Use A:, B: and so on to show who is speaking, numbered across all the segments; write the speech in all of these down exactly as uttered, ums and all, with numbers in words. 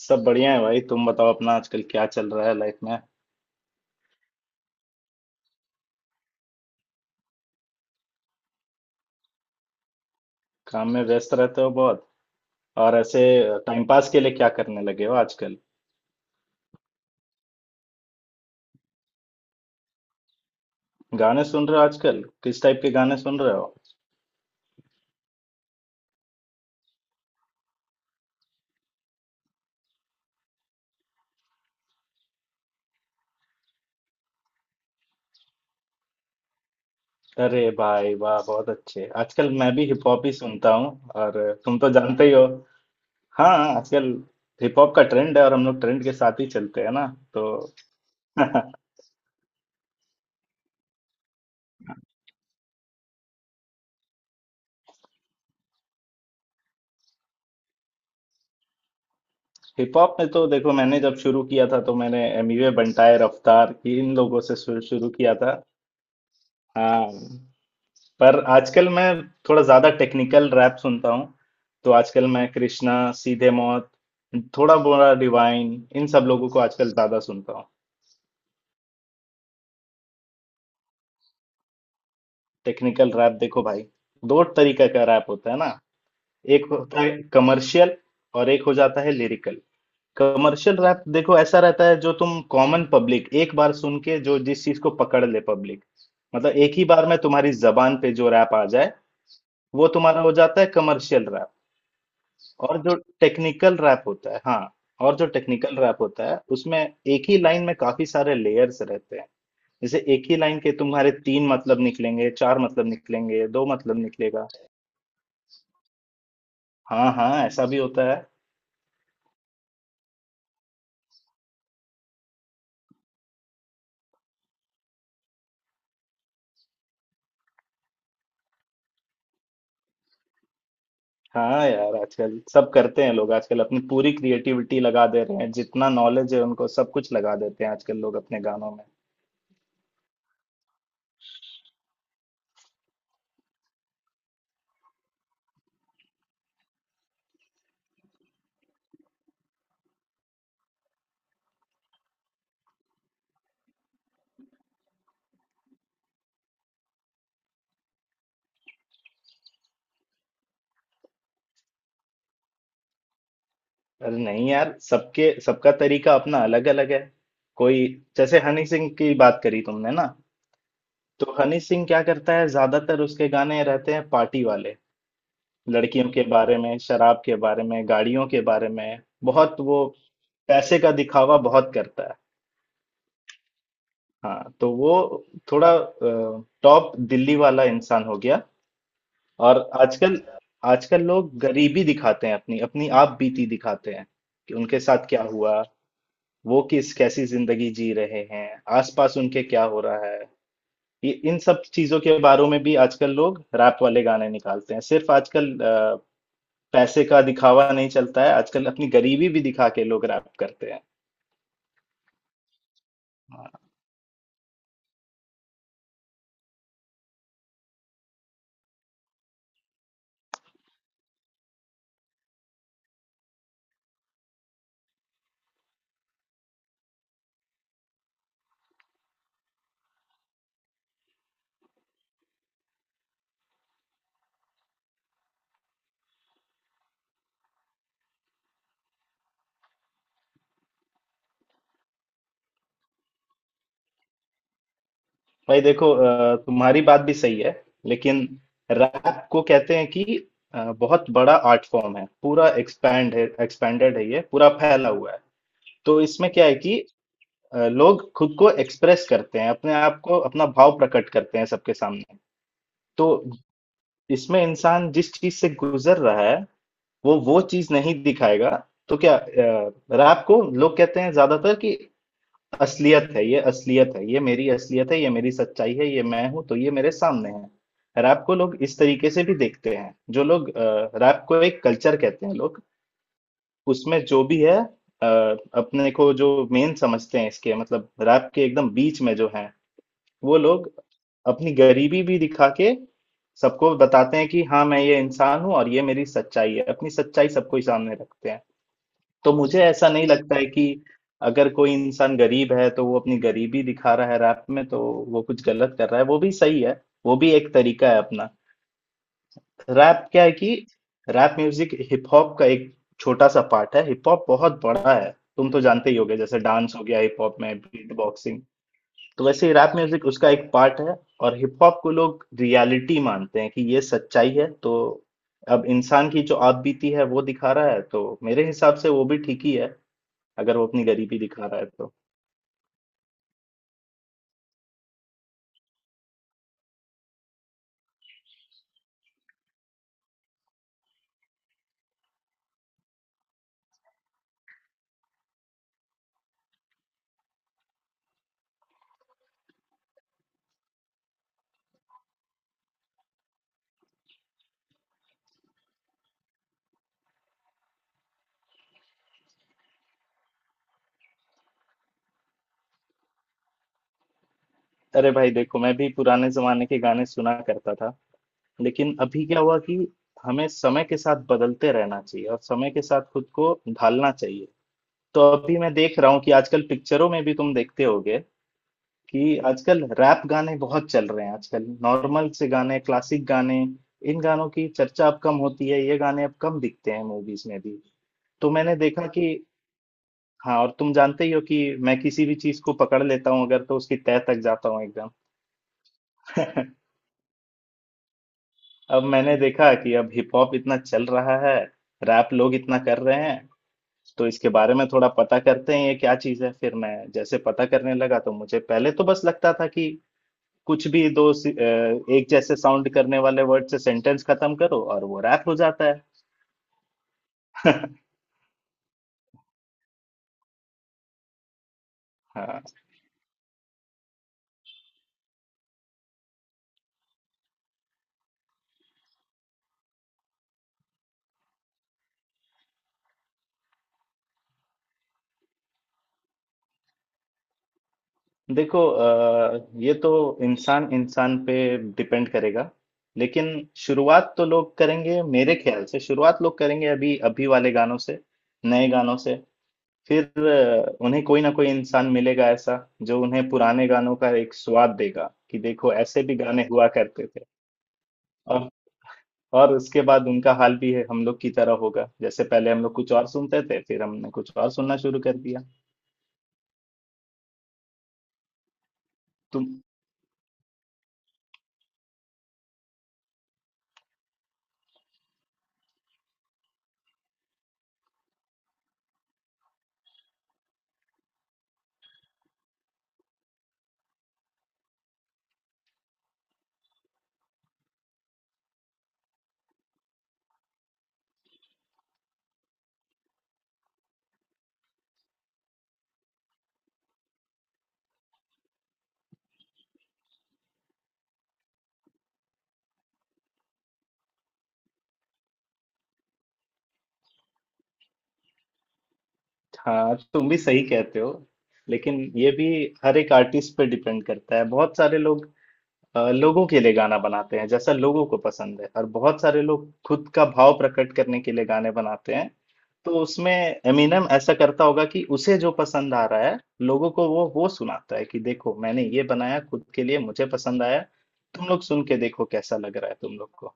A: सब बढ़िया है भाई। तुम बताओ, अपना आजकल क्या चल रहा है लाइफ में। काम में व्यस्त रहते हो बहुत? और ऐसे टाइम पास के लिए क्या करने लगे हो आजकल? गाने सुन रहे हो आजकल? किस टाइप के गाने सुन रहे हो? अरे भाई वाह, बहुत अच्छे। आजकल मैं भी हिप हॉप ही सुनता हूँ, और तुम तो जानते ही हो। हाँ, आजकल हिप हॉप का ट्रेंड है और हम लोग ट्रेंड के साथ ही चलते हैं ना। तो हिप हॉप में तो देखो, मैंने जब शुरू किया था तो मैंने एमिवे बंटाए रफ्तार, इन लोगों से शुरू शुरू किया था। हाँ, पर आजकल मैं थोड़ा ज्यादा टेक्निकल रैप सुनता हूँ। तो आजकल मैं कृष्णा, सीधे मौत, थोड़ा बोरा डिवाइन, इन सब लोगों को आजकल ज्यादा सुनता हूँ। टेक्निकल रैप देखो भाई, दो तरीके का रैप होता है ना। एक होता है कमर्शियल और एक हो जाता है लिरिकल। कमर्शियल रैप देखो ऐसा रहता है, जो तुम कॉमन पब्लिक एक बार सुन के जो जिस चीज को पकड़ ले पब्लिक, मतलब एक ही बार में तुम्हारी जबान पे जो रैप आ जाए, वो तुम्हारा हो जाता है कमर्शियल। और जो टेक्निकल रैप होता है, हाँ, और जो टेक्निकल रैप होता है उसमें एक ही लाइन में काफी सारे लेयर्स रहते हैं। जैसे एक ही लाइन के तुम्हारे तीन मतलब निकलेंगे, चार मतलब निकलेंगे, दो मतलब निकलेगा। हाँ हाँ, ऐसा भी होता है। हाँ यार, आजकल सब करते हैं लोग। आजकल अपनी पूरी क्रिएटिविटी लगा दे रहे हैं, जितना नॉलेज है उनको सब कुछ लगा देते हैं आजकल लोग अपने गानों में। अरे नहीं यार, सबके सबका तरीका अपना अलग अलग है। कोई, जैसे हनी सिंह की बात करी तुमने ना, तो हनी सिंह क्या करता है, ज्यादातर उसके गाने रहते हैं पार्टी वाले, लड़कियों के बारे में, शराब के बारे में, गाड़ियों के बारे में, बहुत वो पैसे का दिखावा बहुत करता है। हाँ, तो वो थोड़ा टॉप दिल्ली वाला इंसान हो गया। और आजकल, आजकल लोग गरीबी दिखाते हैं, अपनी अपनी आप बीती दिखाते हैं कि उनके साथ क्या हुआ, वो किस कैसी जिंदगी जी रहे हैं, आसपास उनके क्या हो रहा है। ये इन सब चीजों के बारे में भी आजकल लोग रैप वाले गाने निकालते हैं। सिर्फ आजकल अ, पैसे का दिखावा नहीं चलता है आजकल, अपनी गरीबी भी दिखा के लोग रैप करते हैं। हाँ, भाई देखो, अ, तुम्हारी बात भी सही है, लेकिन रैप को कहते हैं कि अ, बहुत बड़ा आर्ट फॉर्म है, पूरा एक्सपैंड है, एक्सपैंडेड है, ये पूरा फैला हुआ है। तो इसमें क्या है कि अ, लोग खुद को एक्सप्रेस करते हैं, अपने आप को अपना भाव प्रकट करते हैं सबके सामने। तो इसमें इंसान जिस चीज से गुजर रहा है, वो वो चीज नहीं दिखाएगा तो क्या? रैप को लोग कहते हैं ज्यादातर कि असलियत है ये, असलियत है ये, मेरी असलियत है ये, मेरी सच्चाई है ये, मैं हूं तो ये मेरे सामने है। रैप को लोग इस तरीके से भी देखते हैं, जो लोग रैप को एक कल्चर कहते हैं लोग, उसमें जो भी है अ, अपने को जो मेन समझते हैं, इसके मतलब रैप के एकदम बीच में जो है, वो लोग अपनी गरीबी भी दिखा के सबको बताते हैं कि हाँ, मैं ये इंसान हूँ और ये मेरी सच्चाई है, अपनी सच्चाई सबको ही सामने रखते हैं। तो मुझे ऐसा नहीं लगता है कि अगर कोई इंसान गरीब है तो वो अपनी गरीबी दिखा रहा है रैप में, तो वो कुछ गलत कर रहा है। वो भी सही है, वो भी एक तरीका है अपना। रैप क्या है कि रैप म्यूजिक हिप हॉप का एक छोटा सा पार्ट है, हिप हॉप बहुत बड़ा है। तुम तो जानते ही होगे, जैसे डांस हो गया हिप हॉप में, बीट बॉक्सिंग, तो वैसे ही रैप म्यूजिक उसका एक पार्ट है। और हिप हॉप को लोग रियलिटी मानते हैं कि ये सच्चाई है, तो अब इंसान की जो आप बीती है वो दिखा रहा है तो मेरे हिसाब से वो भी ठीक ही है, अगर वो अपनी गरीबी दिखा रहा है तो। अरे भाई देखो, मैं भी पुराने जमाने के गाने सुना करता था, लेकिन अभी क्या हुआ कि हमें समय के साथ बदलते रहना चाहिए और समय के साथ खुद को ढालना चाहिए। तो अभी मैं देख रहा हूँ कि आजकल पिक्चरों में भी तुम देखते होगे कि आजकल रैप गाने बहुत चल रहे हैं। आजकल नॉर्मल से गाने, क्लासिक गाने, इन गानों की चर्चा अब कम होती है, ये गाने अब कम दिखते हैं मूवीज में भी। तो मैंने देखा कि, हाँ, और तुम जानते ही हो कि मैं किसी भी चीज को पकड़ लेता हूँ अगर, तो उसकी तह तक जाता हूँ एकदम। अब मैंने देखा कि अब हिप हॉप इतना चल रहा है, रैप लोग इतना कर रहे हैं, तो इसके बारे में थोड़ा पता करते हैं ये क्या चीज है। फिर मैं जैसे पता करने लगा तो मुझे पहले तो बस लगता था कि कुछ भी दो सी- अ, एक जैसे साउंड करने वाले वर्ड से सेंटेंस खत्म करो और वो रैप हो जाता है। हाँ, देखो अ, ये तो इंसान इंसान पे डिपेंड करेगा, लेकिन शुरुआत तो लोग करेंगे मेरे ख्याल से, शुरुआत लोग करेंगे अभी अभी वाले गानों से, नए गानों से। फिर अ, उन्हें कोई ना कोई इंसान मिलेगा ऐसा, जो उन्हें पुराने गानों का एक स्वाद देगा कि देखो, ऐसे भी गाने हुआ करते थे। और और उसके बाद उनका हाल भी है हम लोग की तरह होगा, जैसे पहले हम लोग कुछ और सुनते थे फिर हमने कुछ और सुनना शुरू कर दिया। तुम, हाँ, तुम भी सही कहते हो, लेकिन ये भी हर एक आर्टिस्ट पे डिपेंड करता है। बहुत सारे लोग अ, लोगों के लिए गाना बनाते हैं जैसा लोगों को पसंद है, और बहुत सारे लोग खुद का भाव प्रकट करने के लिए गाने बनाते हैं। तो उसमें एमिनम ऐसा करता होगा कि उसे जो पसंद आ रहा है, लोगों को वो वो सुनाता है कि देखो, मैंने ये बनाया खुद के लिए, मुझे पसंद आया, तुम लोग सुन के देखो कैसा लग रहा है तुम लोग को।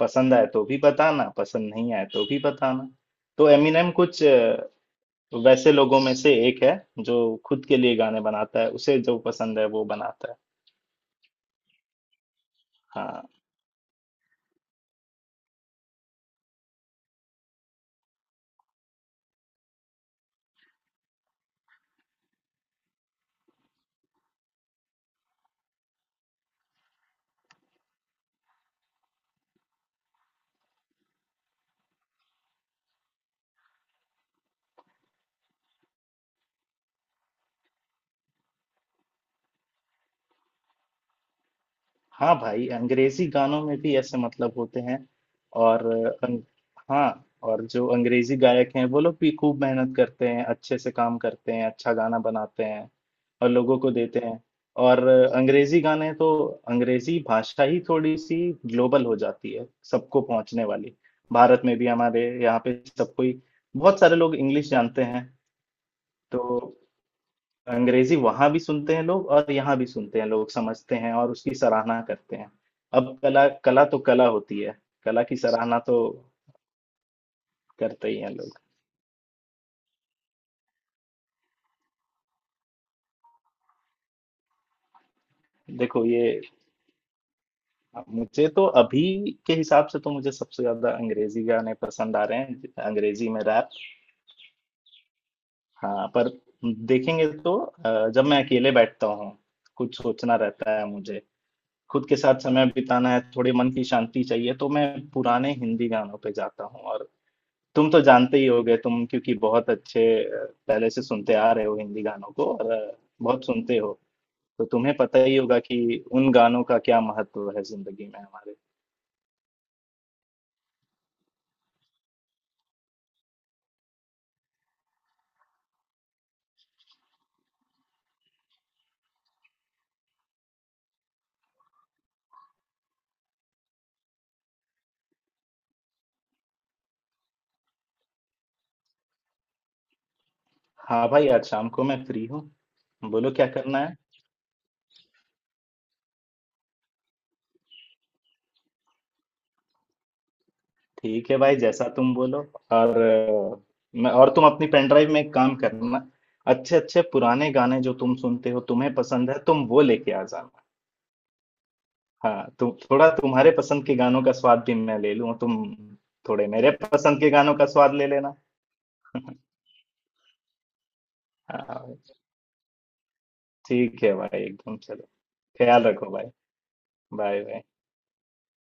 A: पसंद आए तो भी बताना, पसंद नहीं आए तो भी बताना। तो एमिनम कुछ अ, वैसे लोगों में से एक है जो खुद के लिए गाने बनाता है, उसे जो पसंद है वो बनाता है। हाँ। हाँ भाई, अंग्रेजी गानों में भी ऐसे मतलब होते हैं। और अंग, हाँ, और जो अंग्रेजी गायक हैं वो लोग भी खूब मेहनत करते हैं, अच्छे से काम करते हैं, अच्छा गाना बनाते हैं और लोगों को देते हैं। और अंग्रेजी गाने तो, अंग्रेजी भाषा ही थोड़ी सी ग्लोबल हो जाती है, सबको पहुंचने वाली। भारत में भी हमारे यहाँ पे सबको ही, बहुत सारे लोग इंग्लिश जानते हैं। तो अंग्रेजी वहां भी सुनते हैं लोग और यहाँ भी सुनते हैं लोग, समझते हैं और उसकी सराहना करते हैं। अब कला कला तो कला होती है, कला की सराहना तो करते ही हैं लोग। देखो ये, मुझे तो अभी के हिसाब से तो मुझे सबसे ज्यादा अंग्रेजी गाने पसंद आ रहे हैं, अंग्रेजी में रैप। हाँ, पर देखेंगे तो अ, जब मैं अकेले बैठता हूँ, कुछ सोचना रहता है मुझे, खुद के साथ समय बिताना है, थोड़ी मन की शांति चाहिए, तो मैं पुराने हिंदी गानों पे जाता हूँ। और तुम तो जानते ही होगे तुम, क्योंकि बहुत अच्छे अ, पहले से सुनते आ रहे हो हिंदी गानों को, और अ, बहुत सुनते हो, तो तुम्हें पता ही होगा कि उन गानों का क्या महत्व है जिंदगी में हमारे। हाँ भाई, आज शाम को मैं फ्री हूँ, बोलो क्या करना है। ठीक है भाई, जैसा तुम बोलो। और अ, मैं, और तुम अपनी पेन ड्राइव में एक काम करना, अच्छे अच्छे पुराने गाने जो तुम सुनते हो, तुम्हें पसंद है, तुम वो लेके आ जाना। हाँ, तुम थोड़ा, तुम्हारे पसंद के गानों का स्वाद भी मैं ले लूँ, तुम थोड़े मेरे पसंद के गानों का स्वाद ले लेना। हाँ, ठीक है भाई, एकदम चलो। ख्याल रखो भाई। Bye bye.